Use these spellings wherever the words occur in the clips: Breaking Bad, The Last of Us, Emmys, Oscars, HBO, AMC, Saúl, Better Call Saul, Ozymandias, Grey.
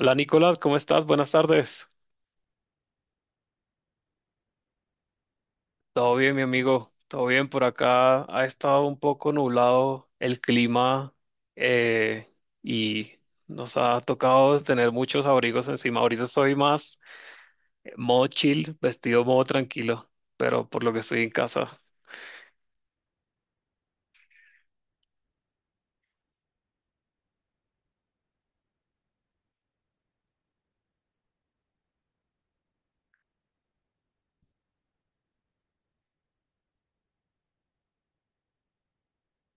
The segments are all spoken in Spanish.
Hola Nicolás, ¿cómo estás? Buenas tardes. Todo bien, mi amigo. Todo bien por acá. Ha estado un poco nublado el clima eh, y nos ha tocado tener muchos abrigos encima. Ahorita estoy más modo chill, vestido modo tranquilo, pero por lo que estoy en casa.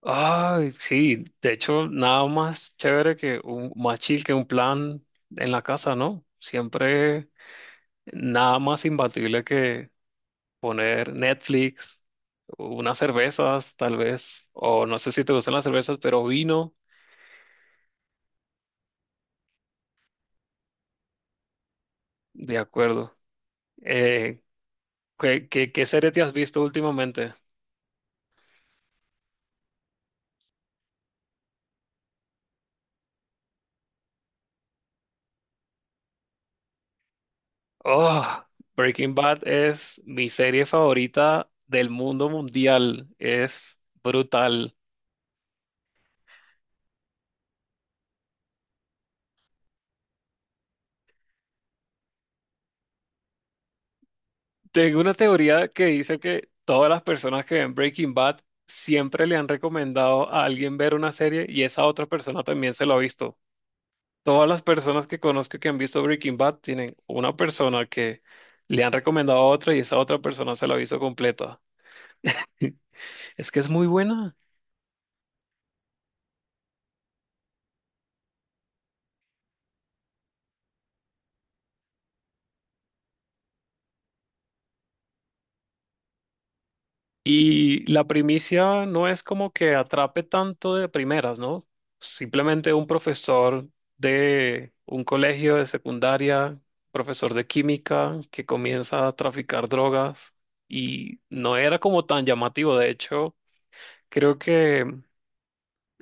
Ay, sí. De hecho, nada más chévere que un más chill que un plan en la casa, ¿no? Siempre nada más imbatible que poner Netflix, unas cervezas tal vez, o no sé si te gustan las cervezas, pero vino, de acuerdo. Eh, ¿qué serie te has visto últimamente? Oh, Breaking Bad es mi serie favorita del mundo mundial, es brutal. Tengo una teoría que dice que todas las personas que ven Breaking Bad siempre le han recomendado a alguien ver una serie y esa otra persona también se lo ha visto. Todas las personas que conozco que han visto Breaking Bad tienen una persona que le han recomendado a otra y esa otra persona se la ha visto completa. Es que es muy buena. Y la primicia no es como que atrape tanto de primeras, ¿no? Simplemente un profesor de un colegio de secundaria, profesor de química, que comienza a traficar drogas y no era como tan llamativo. De hecho, creo que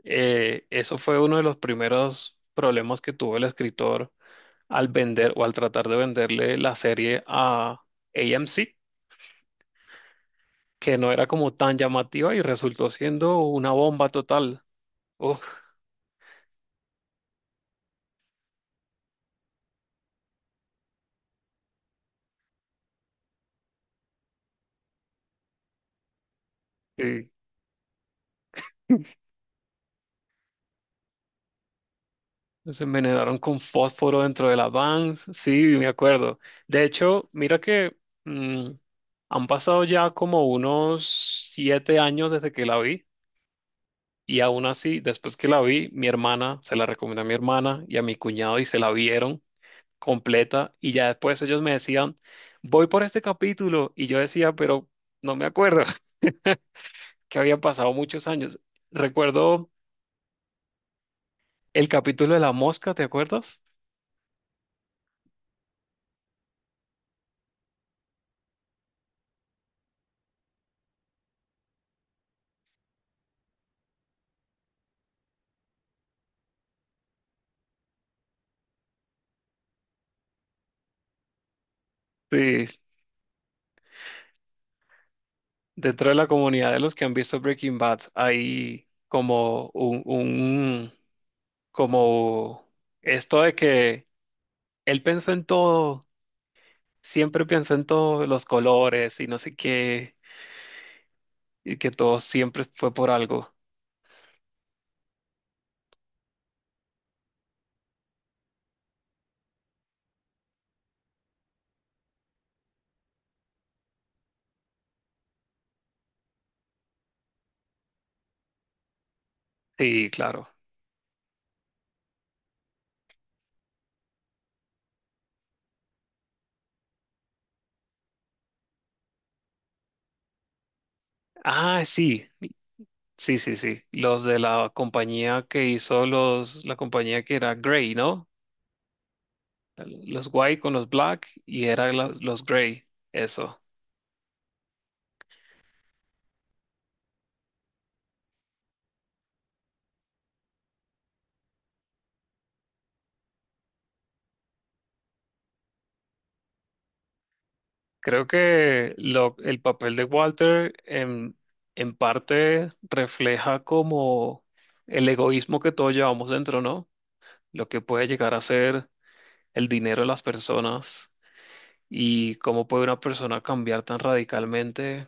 Eso fue uno de los primeros problemas que tuvo el escritor al vender o al tratar de venderle la serie a AMC, que no era como tan llamativa y resultó siendo una bomba total. Uf, sí. Se envenenaron con fósforo dentro de la van. Sí, me acuerdo. De hecho, mira que mm, han pasado ya como unos 7 años desde que la vi. Y aún así, después que la vi, mi hermana, se la recomendé a mi hermana y a mi cuñado y se la vieron completa y ya después ellos me decían, voy por este capítulo y yo decía, pero no me acuerdo, que habían pasado muchos años. Recuerdo el capítulo de la mosca, ¿te acuerdas? Sí, dentro de la comunidad de los que han visto Breaking Bad hay como un como esto de que él pensó en todo, siempre pensó en todos los colores y no sé qué, y que todo siempre fue por algo. Sí, claro. Ah, sí. Sí, sí, sí. Los de la compañía que hizo los, la compañía que era Grey, ¿no? Los White con los Black y era la- los Grey. Eso. Creo que lo, el papel de Walter en parte refleja como el egoísmo que todos llevamos dentro, ¿no? Lo que puede llegar a ser el dinero de las personas y cómo puede una persona cambiar tan radicalmente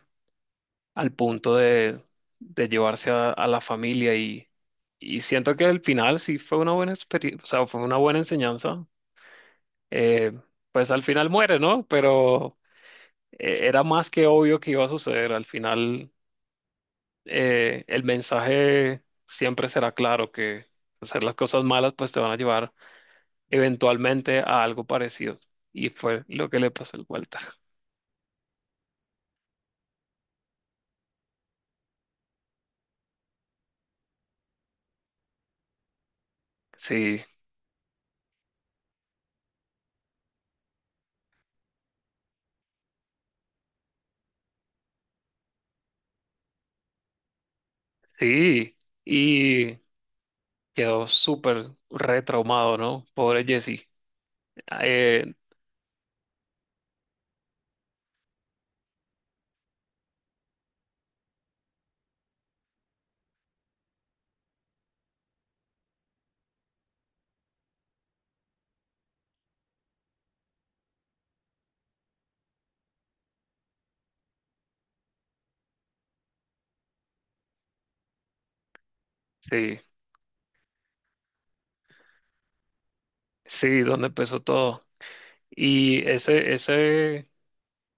al punto de llevarse a la familia y siento que al final sí fue una buena experiencia, o sea, fue una buena enseñanza. Eh, pues al final muere, ¿no? Pero era más que obvio que iba a suceder. Al final el mensaje siempre será claro que hacer las cosas malas pues te van a llevar eventualmente a algo parecido. Y fue lo que le pasó al Walter. Sí, sí. Y quedó súper retraumado, ¿no? Pobre Jesse. Ah. Sí, sí, donde empezó todo. Y ese, ese,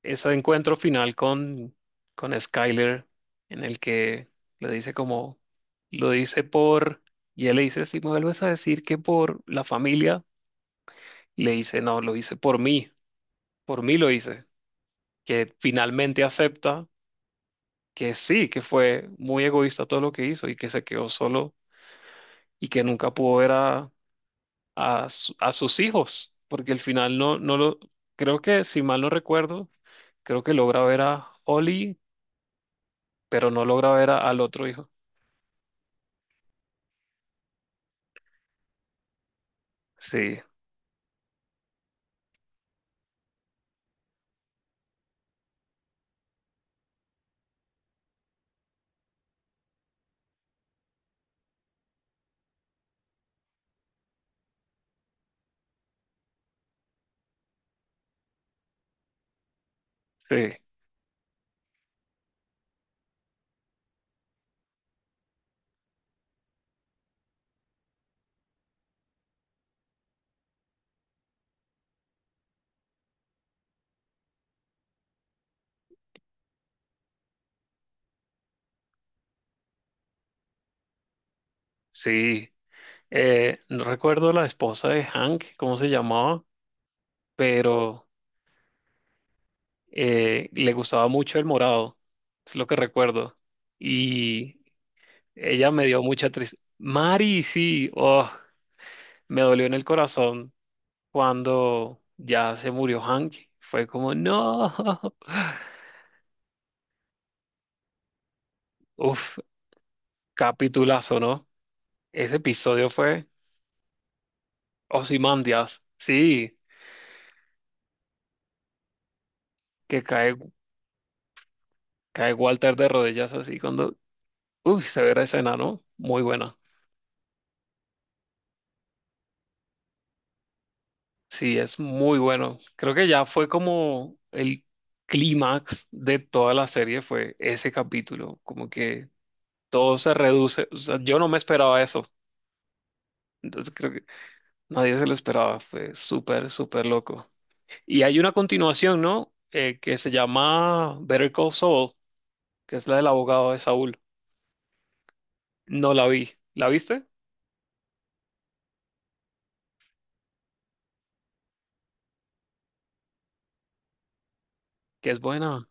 ese encuentro final con Skyler, en el que le dice como, lo dice por, y él le dice, si me vuelves a decir que por la familia, y le dice, no, lo hice por mí lo hice. Que finalmente acepta que sí, que fue muy egoísta todo lo que hizo y que se quedó solo y que nunca pudo ver a, su- a sus hijos, porque al final no, no lo, creo que si mal no recuerdo, creo que logra ver a Holly, pero no logra ver a- al otro hijo. Sí, sí, sí. No recuerdo la esposa de Hank, cómo se llamaba, pero le gustaba mucho el morado, es lo que recuerdo. Y ella me dio mucha tristeza. Mari, sí, oh, me dolió en el corazón cuando ya se murió Hank. Fue como, no. Uf, capitulazo, ¿no? Ese episodio fue Ozymandias, sí, que cae, cae Walter de rodillas así cuando, uy, se ve la escena, ¿no? Muy buena. Sí, es muy bueno. Creo que ya fue como el clímax de toda la serie fue ese capítulo, como que todo se reduce, o sea, yo no me esperaba eso. Entonces creo que nadie se lo esperaba, fue súper, súper loco. Y hay una continuación, ¿no? Que se llama Better Call Saul, que es la del abogado de Saúl. No la vi. ¿La viste? Que es buena.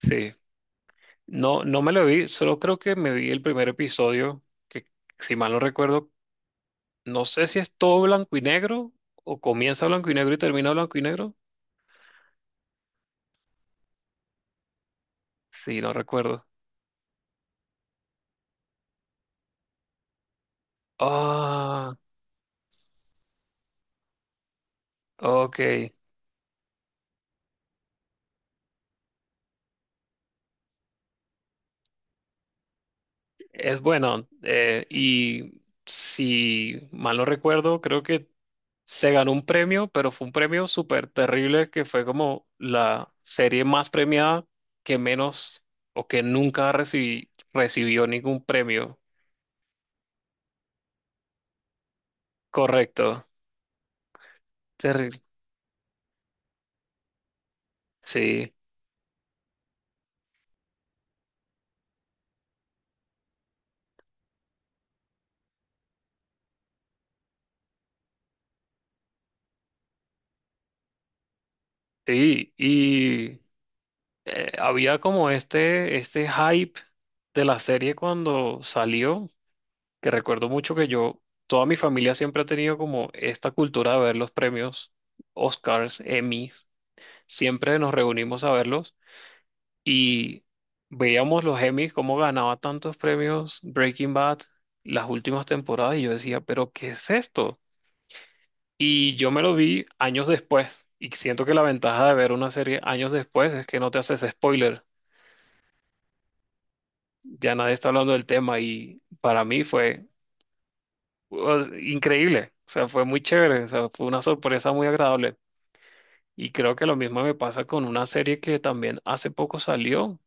Sí. No, no me la vi, solo creo que me vi el primer episodio, que si mal no recuerdo, no sé si es todo blanco y negro, o comienza blanco y negro y termina blanco y negro. Sí, no recuerdo. Ah, ok. Es bueno. Y si mal no recuerdo, creo que se ganó un premio, pero fue un premio súper terrible que fue como la serie más premiada que menos o que nunca recibí- recibió ningún premio. Correcto. Terrible. Sí, sí. Y había como este hype de la serie cuando salió, que recuerdo mucho que yo, toda mi familia siempre ha tenido como esta cultura de ver los premios, Oscars, Emmys, siempre nos reunimos a verlos. Y veíamos los Emmys, cómo ganaba tantos premios Breaking Bad las últimas temporadas y yo decía, pero ¿qué es esto? Y yo me lo vi años después y siento que la ventaja de ver una serie años después es que no te haces spoiler, ya nadie está hablando del tema y para mí fue pues, increíble, o sea, fue muy chévere, o sea, fue una sorpresa muy agradable. Y creo que lo mismo me pasa con una serie que también hace poco salió.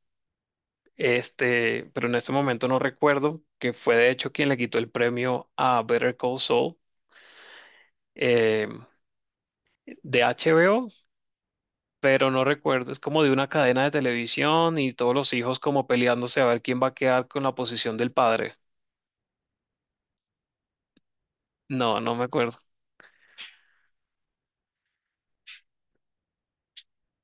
Este, pero en este momento no recuerdo que fue de hecho quien le quitó el premio a Better Call Saul eh, de HBO, pero no recuerdo, es como de una cadena de televisión y todos los hijos como peleándose a ver quién va a quedar con la posición del padre. No, no me acuerdo.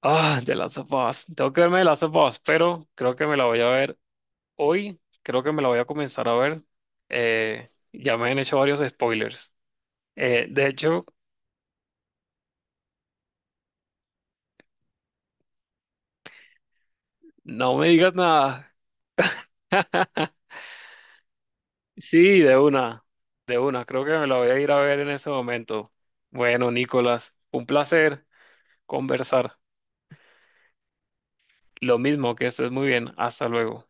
Ah, The Last of Us. Tengo que verme The Last of Us, pero creo que me la voy a ver hoy. Creo que me la voy a comenzar a ver. Ya me han hecho varios spoilers. De hecho, no me digas nada. Sí, de una, de una. Creo que me la voy a ir a ver en ese momento. Bueno, Nicolás, un placer conversar. Lo mismo, que estés muy bien. Hasta luego.